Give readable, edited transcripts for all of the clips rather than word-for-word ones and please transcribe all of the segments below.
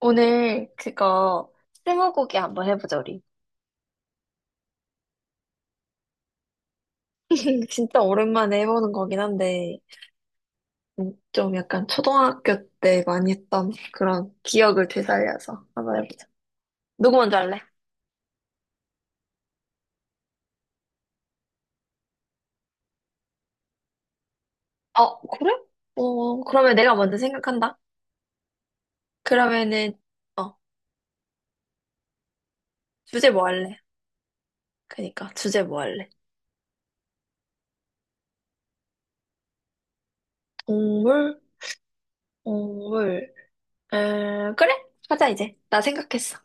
오늘 그거 스무고개 한번 해보자 우리. 진짜 오랜만에 해보는 거긴 한데 좀 약간 초등학교 때 많이 했던 그런 기억을 되살려서 한번 해보자. 누구 먼저 할래? 어 그래? 어 그러면 내가 먼저 생각한다. 그러면은 어 주제 뭐 할래? 그니까 주제 뭐 할래? 동물? 동물. 그래? 하자 이제. 나 생각했어.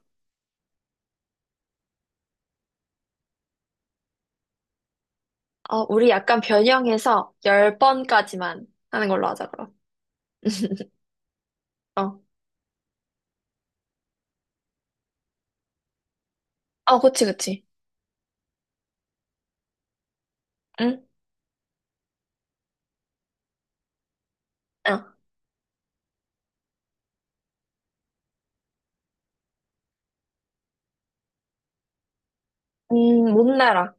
어 우리 약간 변형해서 열 번까지만 하는 걸로 하자 그럼. 어. 어, 그치, 그치. 응? 어. 못 날아.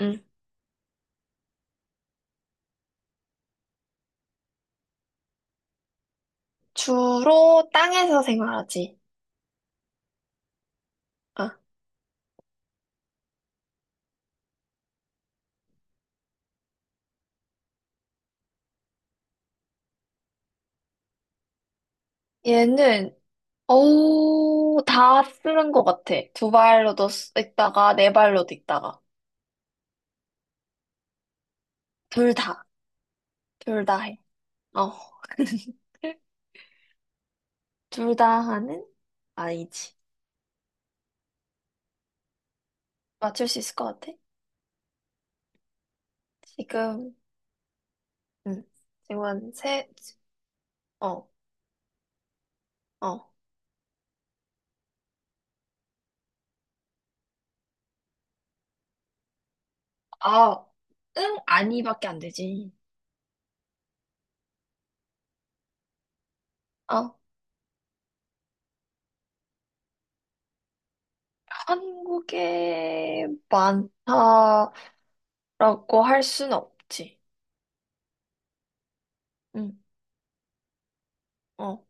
응. 주로 땅에서 생활하지. 어. 얘는, 어우, 다 쓰는 것 같아. 두 발로도 있다가, 네 발로도 있다가. 둘 다. 둘 다 해. 어. 둘 다 하는? 아니지. 맞출 수 있을 것 같아? 지금, 응. 지금 세, 어, 어. 아, 응, 아니밖에 안 되지. 어, 한국에 많다. 라고 할 순 없지. 응, 어.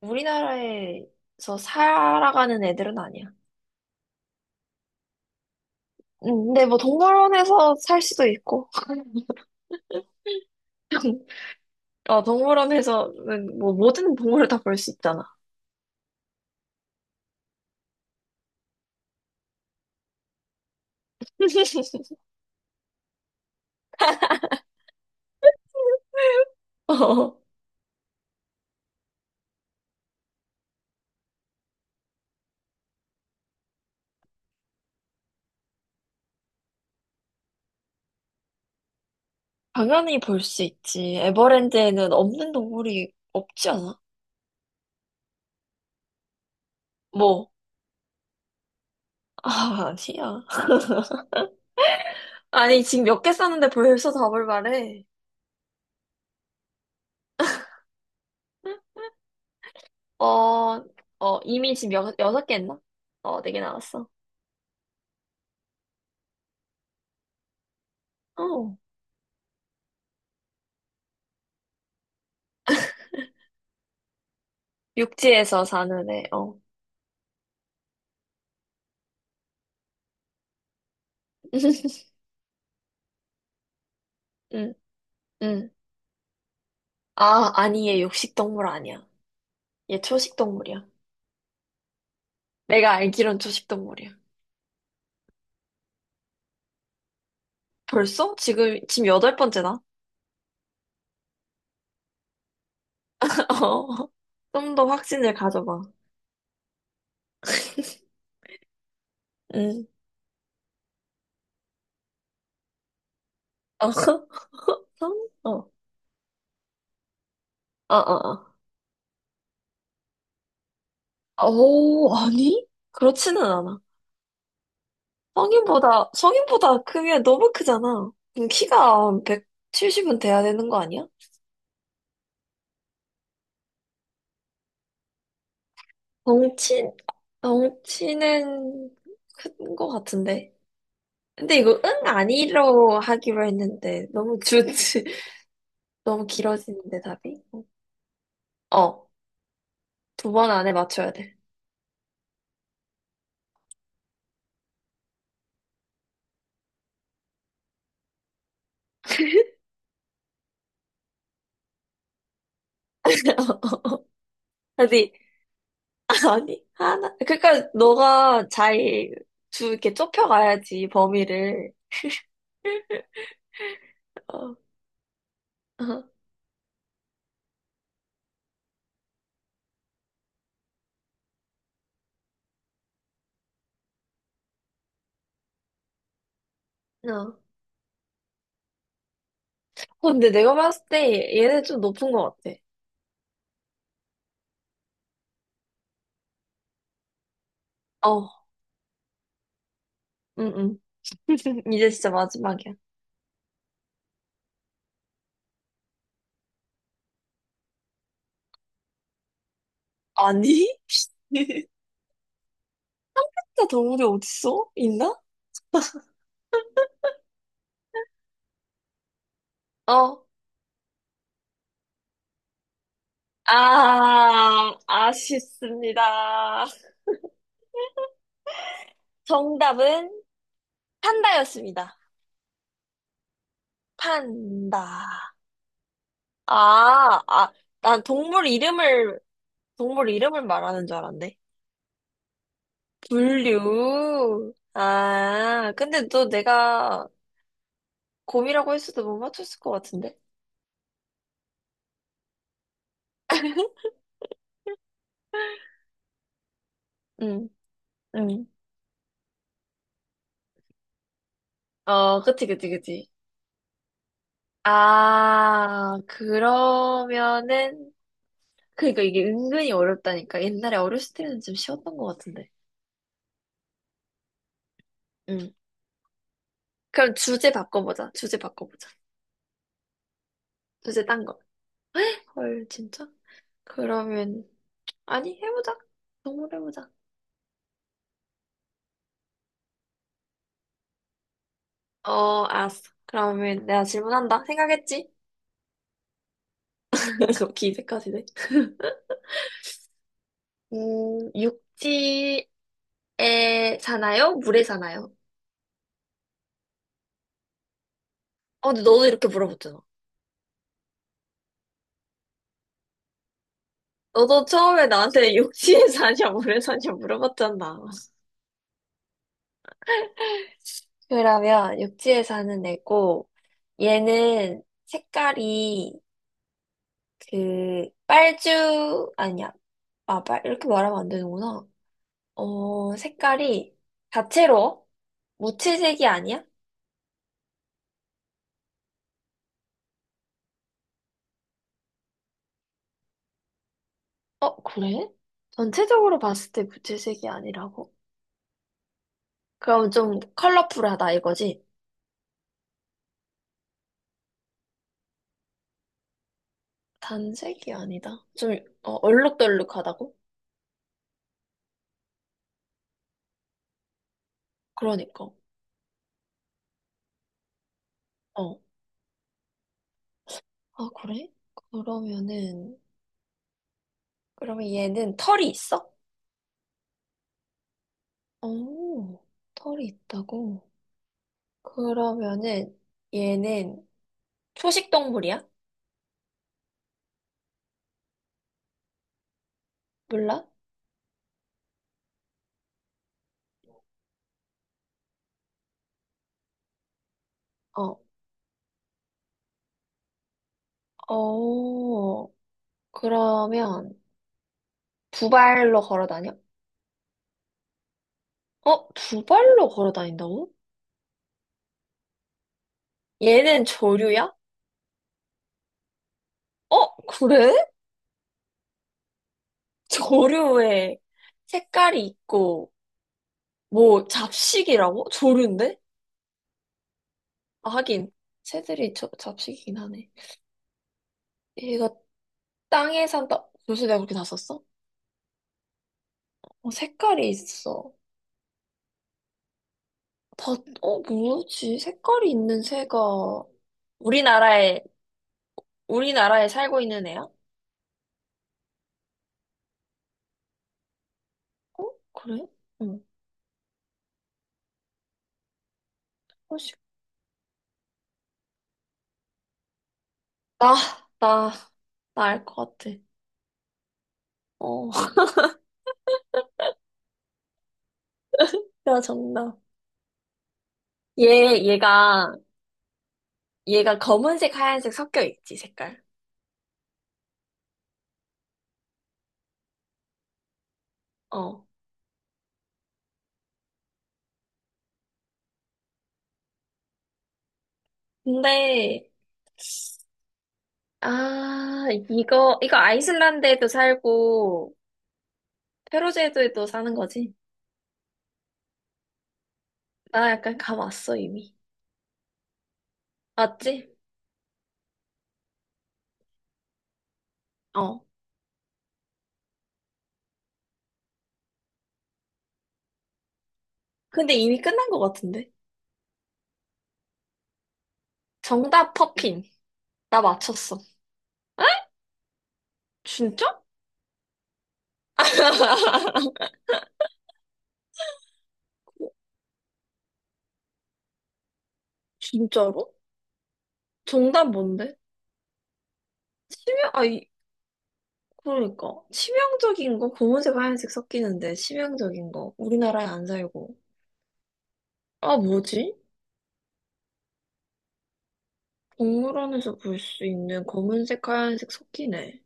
우리나라에서 살아가는 애들은 아니야. 응. 근데 뭐 동물원에서 살 수도 있고. 어, 동물원에서는 뭐 모든 동물을 다 볼 수 있잖아. 어, 당연히 볼 수 있지. 에버랜드에는 없는 동물이 없지 않아? 뭐? 아, 아니야. 아니, 지금 몇 개 쌌는데 벌써 답을 말해. 어, 어, 이미 지금 여섯 개 했나? 어, 네 개 나왔어. 어. 육지에서 사는 애, 어. 응, 응. 아, 아니, 얘 육식동물 아니야. 얘 초식동물이야. 내가 알기론 초식동물이야. 벌써? 지금, 지금 여덟 번째다? 어. 좀 더 확신을 가져봐. 응. 어, 성? 어, 어, 어. 어. 오, 아니? 그렇지는 않아. 성인보다 크면 너무 크잖아. 그럼 키가 170은 돼야 되는 거 아니야? 덩치, 덩치는 큰 거 같은데. 근데 이거 응 아니로 하기로 했는데 너무 주 너무 길어지는데 답이 어 두 번 안에 맞춰야 돼 아니 아니 하나 그러니까 너가 잘 주 이렇게 좁혀가야지 범위를 어, 어. 어. 근데 내가 봤을 때 얘는 좀 높은 것 같아 어 응응 이제 진짜 마지막이야 아니 진짜 동물이 어딨어 있나 어 아 아쉽습니다 정답은 판다였습니다. 판다. 아, 아, 난 동물 이름을 말하는 줄 알았네. 분류. 아, 근데 너 내가 곰이라고 했어도 못 맞췄을 것 같은데? 응, 응. 어, 그치, 그치, 그치. 아, 그러면은, 그니까 이게 은근히 어렵다니까. 옛날에 어렸을 때는 좀 쉬웠던 것 같은데. 응. 그럼 주제 바꿔보자. 주제 바꿔보자. 주제 딴 거. 헐, 진짜? 그러면, 아니, 해보자. 정말 해보자. 어, 알았어. 그러면 내가 질문한다. 생각했지? 그렇게 기색까지네. 육지에 사나요? 물에 사나요? 어, 근데 너도 이렇게 물어봤잖아. 너도 처음에 나한테 육지에 사냐, 물에 사냐 물어봤잖아. 그러면 육지에 사는 애고, 얘는 색깔이 그 빨주 아니야. 아, 빨 이렇게 말하면 안 되는구나. 어, 색깔이 다채로워? 무채색이 아니야? 어, 그래? 전체적으로 봤을 때 무채색이 아니라고? 그럼 좀 컬러풀하다 이거지? 단색이 아니다. 좀, 어, 얼룩덜룩하다고? 그러니까. 어. 아, 그래? 그러면은, 그러면 얘는 털이 있어? 오, 털이 있다고? 그러면은, 얘는 초식 동물이야? 몰라? 어. 어, 그러면, 두 발로 걸어 다녀? 어, 두 발로 걸어 다닌다고? 얘는 조류야? 어, 그래? 조류에 색깔이 있고, 뭐, 잡식이라고? 조류인데? 아, 하긴, 새들이 저, 잡식이긴 하네. 얘가 땅에 산다. 벌써 내가 그렇게 다 썼어? 어, 색깔이 있어. 다, 어, 뭐지? 색깔이 있는 새가 우리나라에, 우리나라에 살고 있는 애야? 어, 그래? 응. 혹시, 나, 나, 나 알 것 같아. 어, 나 정답. 얘, 얘가, 얘가 검은색, 하얀색 섞여 있지, 색깔. 어. 근데, 아, 이거 아이슬란드에도 살고, 페루제도에도 사는 거지? 나 약간 감 왔어, 이미. 맞지? 어. 근데 이미 끝난 것 같은데? 정답, 퍼핀. 나 맞췄어. 진짜? 진짜로? 정답 뭔데? 치명, 아, 그러니까 치명적인 거 검은색 하얀색 섞이는데 치명적인 거 우리나라에 안 살고 아 뭐지? 동물원에서 볼 수 있는 검은색 하얀색 섞이네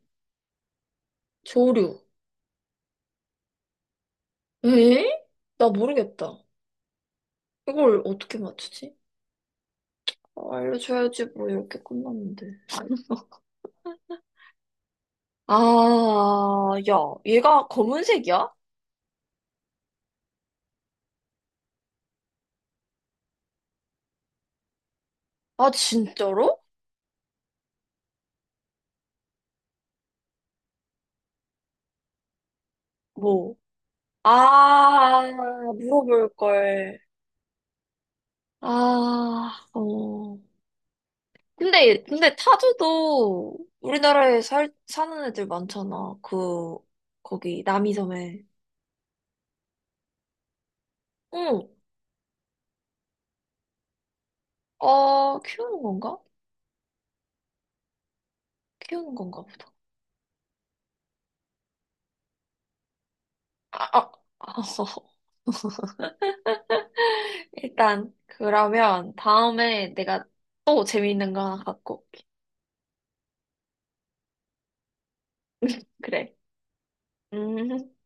조류 에? 나 모르겠다 이걸 어떻게 맞추지? 아, 알려줘야지 뭐 이렇게 끝났는데 아, 야, 얘가 검은색이야? 아, 진짜로? 뭐? 아, 물어볼 걸. 아, 어. 근데, 근데 타조도 우리나라에 살, 사는 애들 많잖아. 그, 거기, 남이섬에. 응, 어, 키우는 건가? 키우는 건가 보다. 아, 아, 일단, 그러면 다음에 내가 또 재미있는 거 하나 갖고. 올게. 그래. 음.